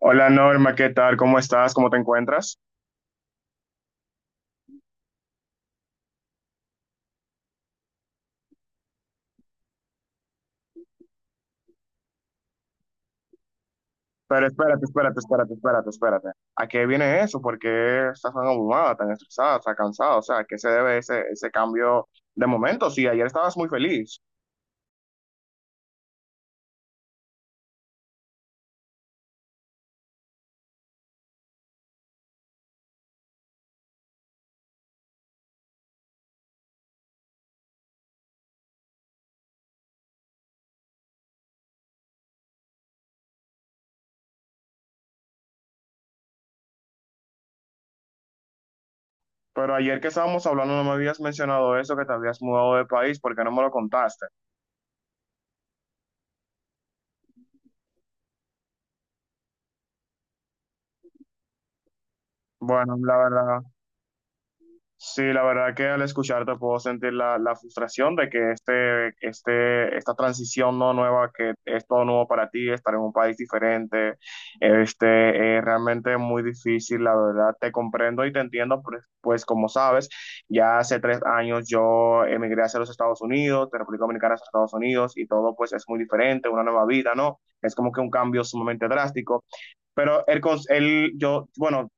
Hola Norma, ¿qué tal? ¿Cómo estás? ¿Cómo te encuentras? Pero espérate, espérate, espérate, espérate, espérate. ¿A qué viene eso? ¿Por qué estás tan abrumada, tan estresada, tan cansada? O sea, ¿a qué se debe ese cambio de momento? Sí, ayer estabas muy feliz, pero ayer que estábamos hablando no me habías mencionado eso, que te habías mudado de país, ¿por qué no me lo contaste? Bueno, la verdad. Sí, la verdad que al escucharte puedo sentir la frustración de que esta transición no nueva, que es todo nuevo para ti, estar en un país diferente, es realmente muy difícil, la verdad. Te comprendo y te entiendo, pues, pues como sabes, ya hace 3 años yo emigré hacia los Estados Unidos, de República Dominicana a Estados Unidos, y todo pues es muy diferente, una nueva vida, ¿no? Es como que un cambio sumamente drástico. Pero el, el, yo, bueno,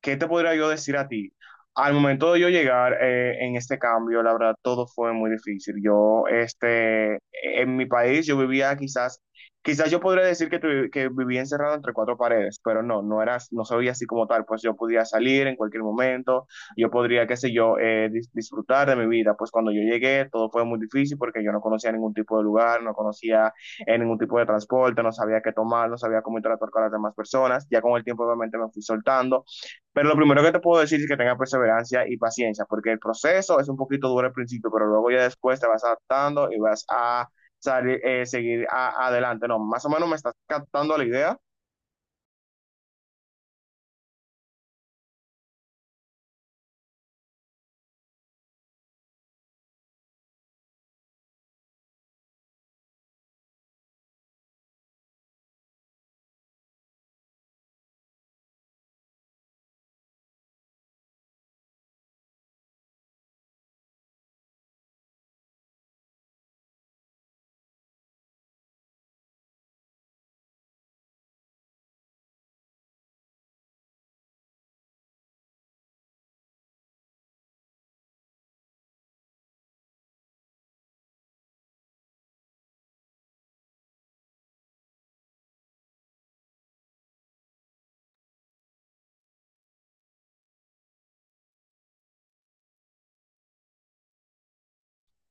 ¿qué te podría yo decir a ti? Al momento de yo llegar en este cambio, la verdad, todo fue muy difícil. Yo, en mi país, yo vivía quizás yo podría decir que, que vivía encerrado entre cuatro paredes, pero no, no era, no se veía así como tal. Pues yo podía salir en cualquier momento, yo podría, qué sé yo, disfrutar de mi vida. Pues cuando yo llegué, todo fue muy difícil porque yo no conocía ningún tipo de lugar, no conocía en ningún tipo de transporte, no sabía qué tomar, no sabía cómo interactuar con las demás personas. Ya con el tiempo, obviamente, me fui soltando, pero lo primero que te puedo decir es que tenga perseverancia y paciencia, porque el proceso es un poquito duro al principio, pero luego ya después te vas adaptando y vas a salir, seguir adelante. No, más o menos me estás captando la idea.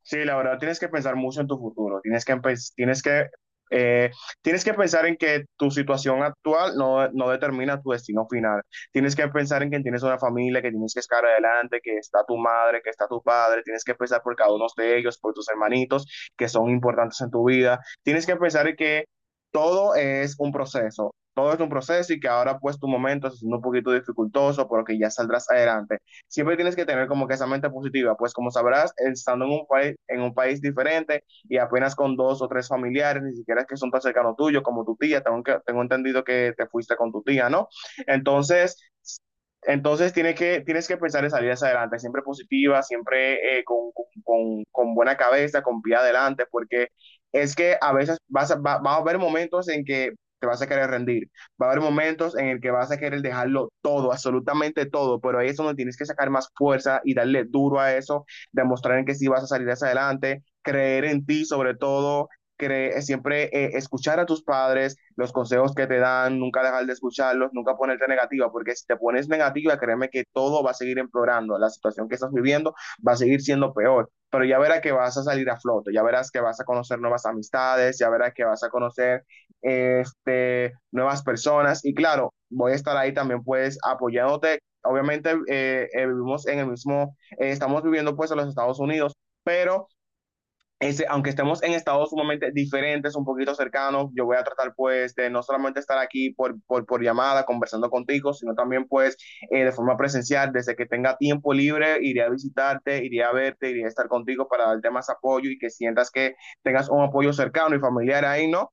Sí, la verdad, tienes que pensar mucho en tu futuro, tienes que, tienes que, eh, tienes que pensar en que tu situación actual no, no determina tu destino final. Tienes que pensar en que tienes una familia, que tienes que estar adelante, que está tu madre, que está tu padre, tienes que pensar por cada uno de ellos, por tus hermanitos, que son importantes en tu vida. Tienes que pensar en que todo es un proceso, todo es un proceso y que ahora pues tu momento es un poquito dificultoso, pero que ya saldrás adelante, siempre tienes que tener como que esa mente positiva, pues como sabrás, estando en un país diferente y apenas con dos o tres familiares, ni siquiera es que son tan cercanos tuyos como tu tía, tengo, que, tengo entendido que te fuiste con tu tía, ¿no? Entonces, entonces, tienes que pensar en salir hacia adelante, siempre positiva, siempre con, con buena cabeza, con pie adelante, porque es que a veces vas a, va a haber momentos en que te vas a querer rendir, va a haber momentos en el que vas a querer dejarlo todo, absolutamente todo, pero ahí es donde tienes que sacar más fuerza y darle duro a eso, demostrar en que sí vas a salir hacia adelante, creer en ti sobre todo cre siempre escuchar a tus padres, los consejos que te dan, nunca dejar de escucharlos, nunca ponerte negativa, porque si te pones negativa, créeme que todo va a seguir empeorando, la situación que estás viviendo va a seguir siendo peor, pero ya verás que vas a salir a flote, ya verás que vas a conocer nuevas amistades, ya verás que vas a conocer nuevas personas y claro, voy a estar ahí también pues apoyándote. Obviamente vivimos en el mismo, estamos viviendo pues en los Estados Unidos, pero aunque estemos en estados sumamente diferentes, un poquito cercanos, yo voy a tratar pues de no solamente estar aquí por llamada conversando contigo, sino también pues de forma presencial, desde que tenga tiempo libre, iré a visitarte, iré a verte, iré a estar contigo para darte más apoyo y que sientas que tengas un apoyo cercano y familiar ahí, ¿no?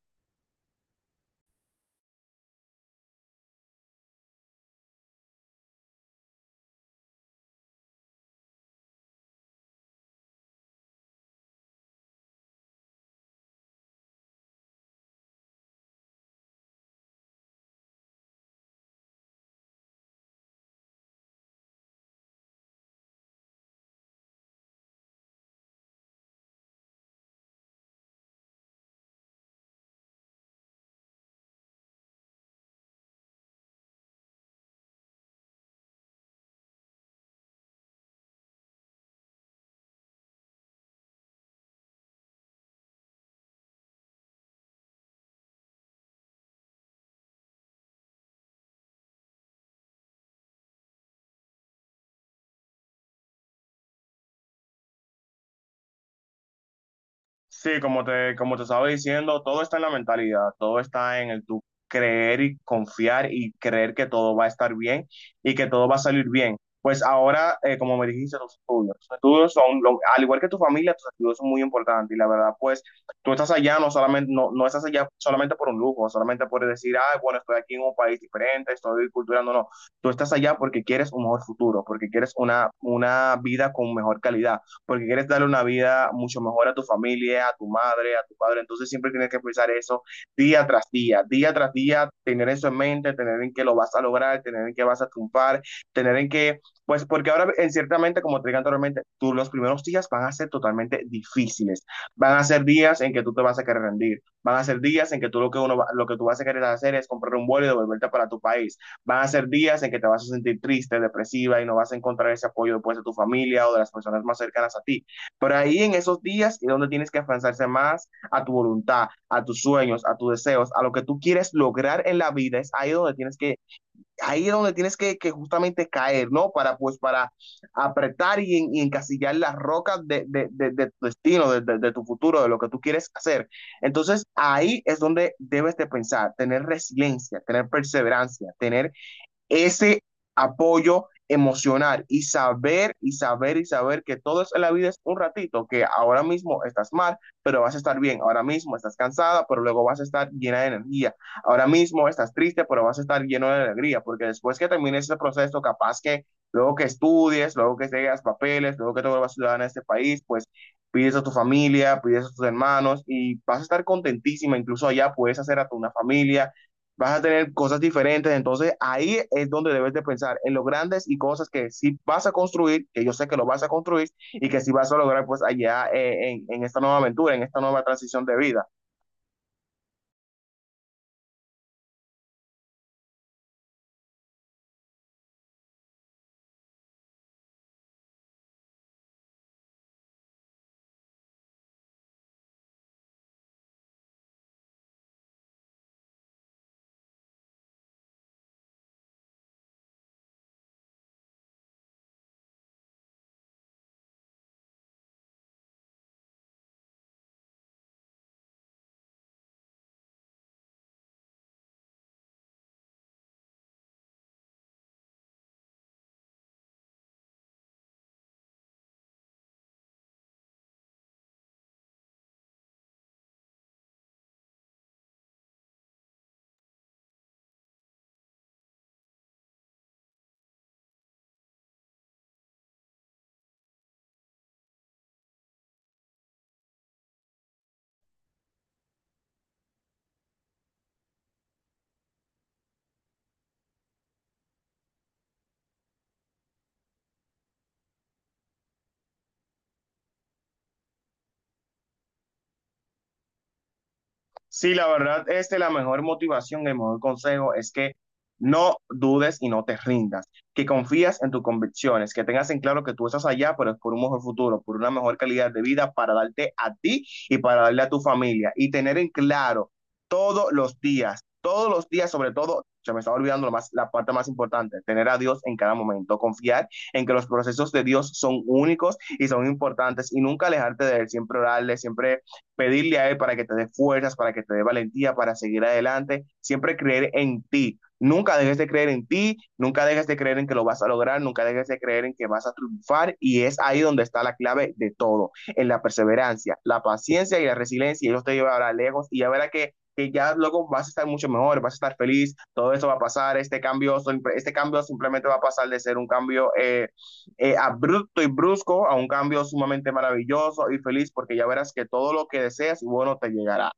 Sí, como te estaba diciendo, todo está en la mentalidad, todo está en el tú creer y confiar y creer que todo va a estar bien y que todo va a salir bien. Pues ahora, como me dijiste, los estudios son, al igual que tu familia, tus estudios son muy importantes y la verdad, pues tú estás allá, no solamente, no, no estás allá solamente por un lujo, solamente por decir, ah, bueno, estoy aquí en un país diferente, estoy culturando, no, no, tú estás allá porque quieres un mejor futuro, porque quieres una vida con mejor calidad porque quieres darle una vida mucho mejor a tu familia, a tu madre, a tu padre. Entonces siempre tienes que pensar eso día tras día, tener eso en mente, tener en que lo vas a lograr, tener en que vas a triunfar, tener en que, pues porque ahora en ciertamente, como te dije anteriormente, tú los primeros días van a ser totalmente difíciles, van a ser días en que tú te vas a querer rendir, van a ser días en que tú lo que uno lo que tú vas a querer hacer es comprar un vuelo y devolverte para tu país. Van a ser días en que te vas a sentir triste, depresiva y no vas a encontrar ese apoyo después de tu familia o de las personas más cercanas a ti. Pero ahí en esos días es donde tienes que afianzarse más a tu voluntad, a tus sueños, a tus deseos, a lo que tú quieres lograr en la vida. Es ahí donde tienes que, ahí es donde tienes que justamente caer, ¿no? Para pues para apretar y encasillar las rocas de tu destino, de tu futuro, de lo que tú quieres hacer. Entonces ahí es donde debes de pensar, tener resiliencia, tener perseverancia, tener ese apoyo emocional y saber y saber y saber que todo es en la vida es un ratito, que ahora mismo estás mal, pero vas a estar bien, ahora mismo estás cansada, pero luego vas a estar llena de energía, ahora mismo estás triste, pero vas a estar lleno de alegría, porque después que termines ese proceso, capaz que luego que estudies, luego que llegues papeles, luego que te vuelvas ciudadana de este país, pues pides a tu familia, pides a tus hermanos y vas a estar contentísima, incluso allá puedes hacer a tu una familia, vas a tener cosas diferentes, entonces ahí es donde debes de pensar en los grandes y cosas que sí vas a construir, que yo sé que lo vas a construir y que sí vas a lograr pues allá en esta nueva aventura, en esta nueva transición de vida. Sí, la verdad, la mejor motivación, el mejor consejo es que no dudes y no te rindas, que confías en tus convicciones, que tengas en claro que tú estás allá, pero es por un mejor futuro, por una mejor calidad de vida para darte a ti y para darle a tu familia y tener en claro todos los días, sobre todo, se me estaba olvidando lo más, la parte más importante, tener a Dios en cada momento, confiar en que los procesos de Dios son únicos y son importantes y nunca alejarte de Él, siempre orarle, siempre pedirle a Él para que te dé fuerzas, para que te dé valentía, para seguir adelante, siempre creer en ti. Nunca dejes de creer en ti, nunca dejes de creer en que lo vas a lograr, nunca dejes de creer en que vas a triunfar y es ahí donde está la clave de todo, en la perseverancia, la paciencia y la resiliencia y eso te llevará lejos y ya verá que ya luego vas a estar mucho mejor, vas a estar feliz, todo eso va a pasar, este cambio simplemente va a pasar de ser un cambio... abrupto y brusco a un cambio sumamente maravilloso y feliz, porque ya verás que todo lo que deseas, bueno, te llegará.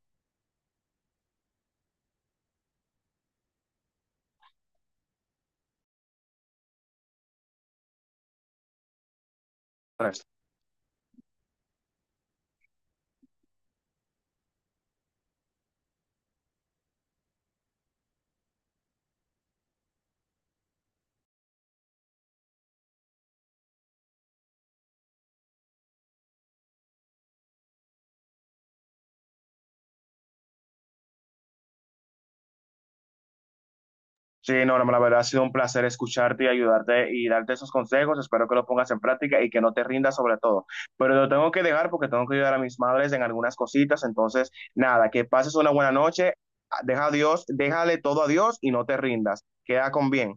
Sí, no, no, la verdad ha sido un placer escucharte y ayudarte y darte esos consejos. Espero que los pongas en práctica y que no te rindas sobre todo. Pero lo tengo que dejar porque tengo que ayudar a mis madres en algunas cositas. Entonces, nada, que pases una buena noche. Deja a Dios, déjale todo a Dios y no te rindas. Queda con bien.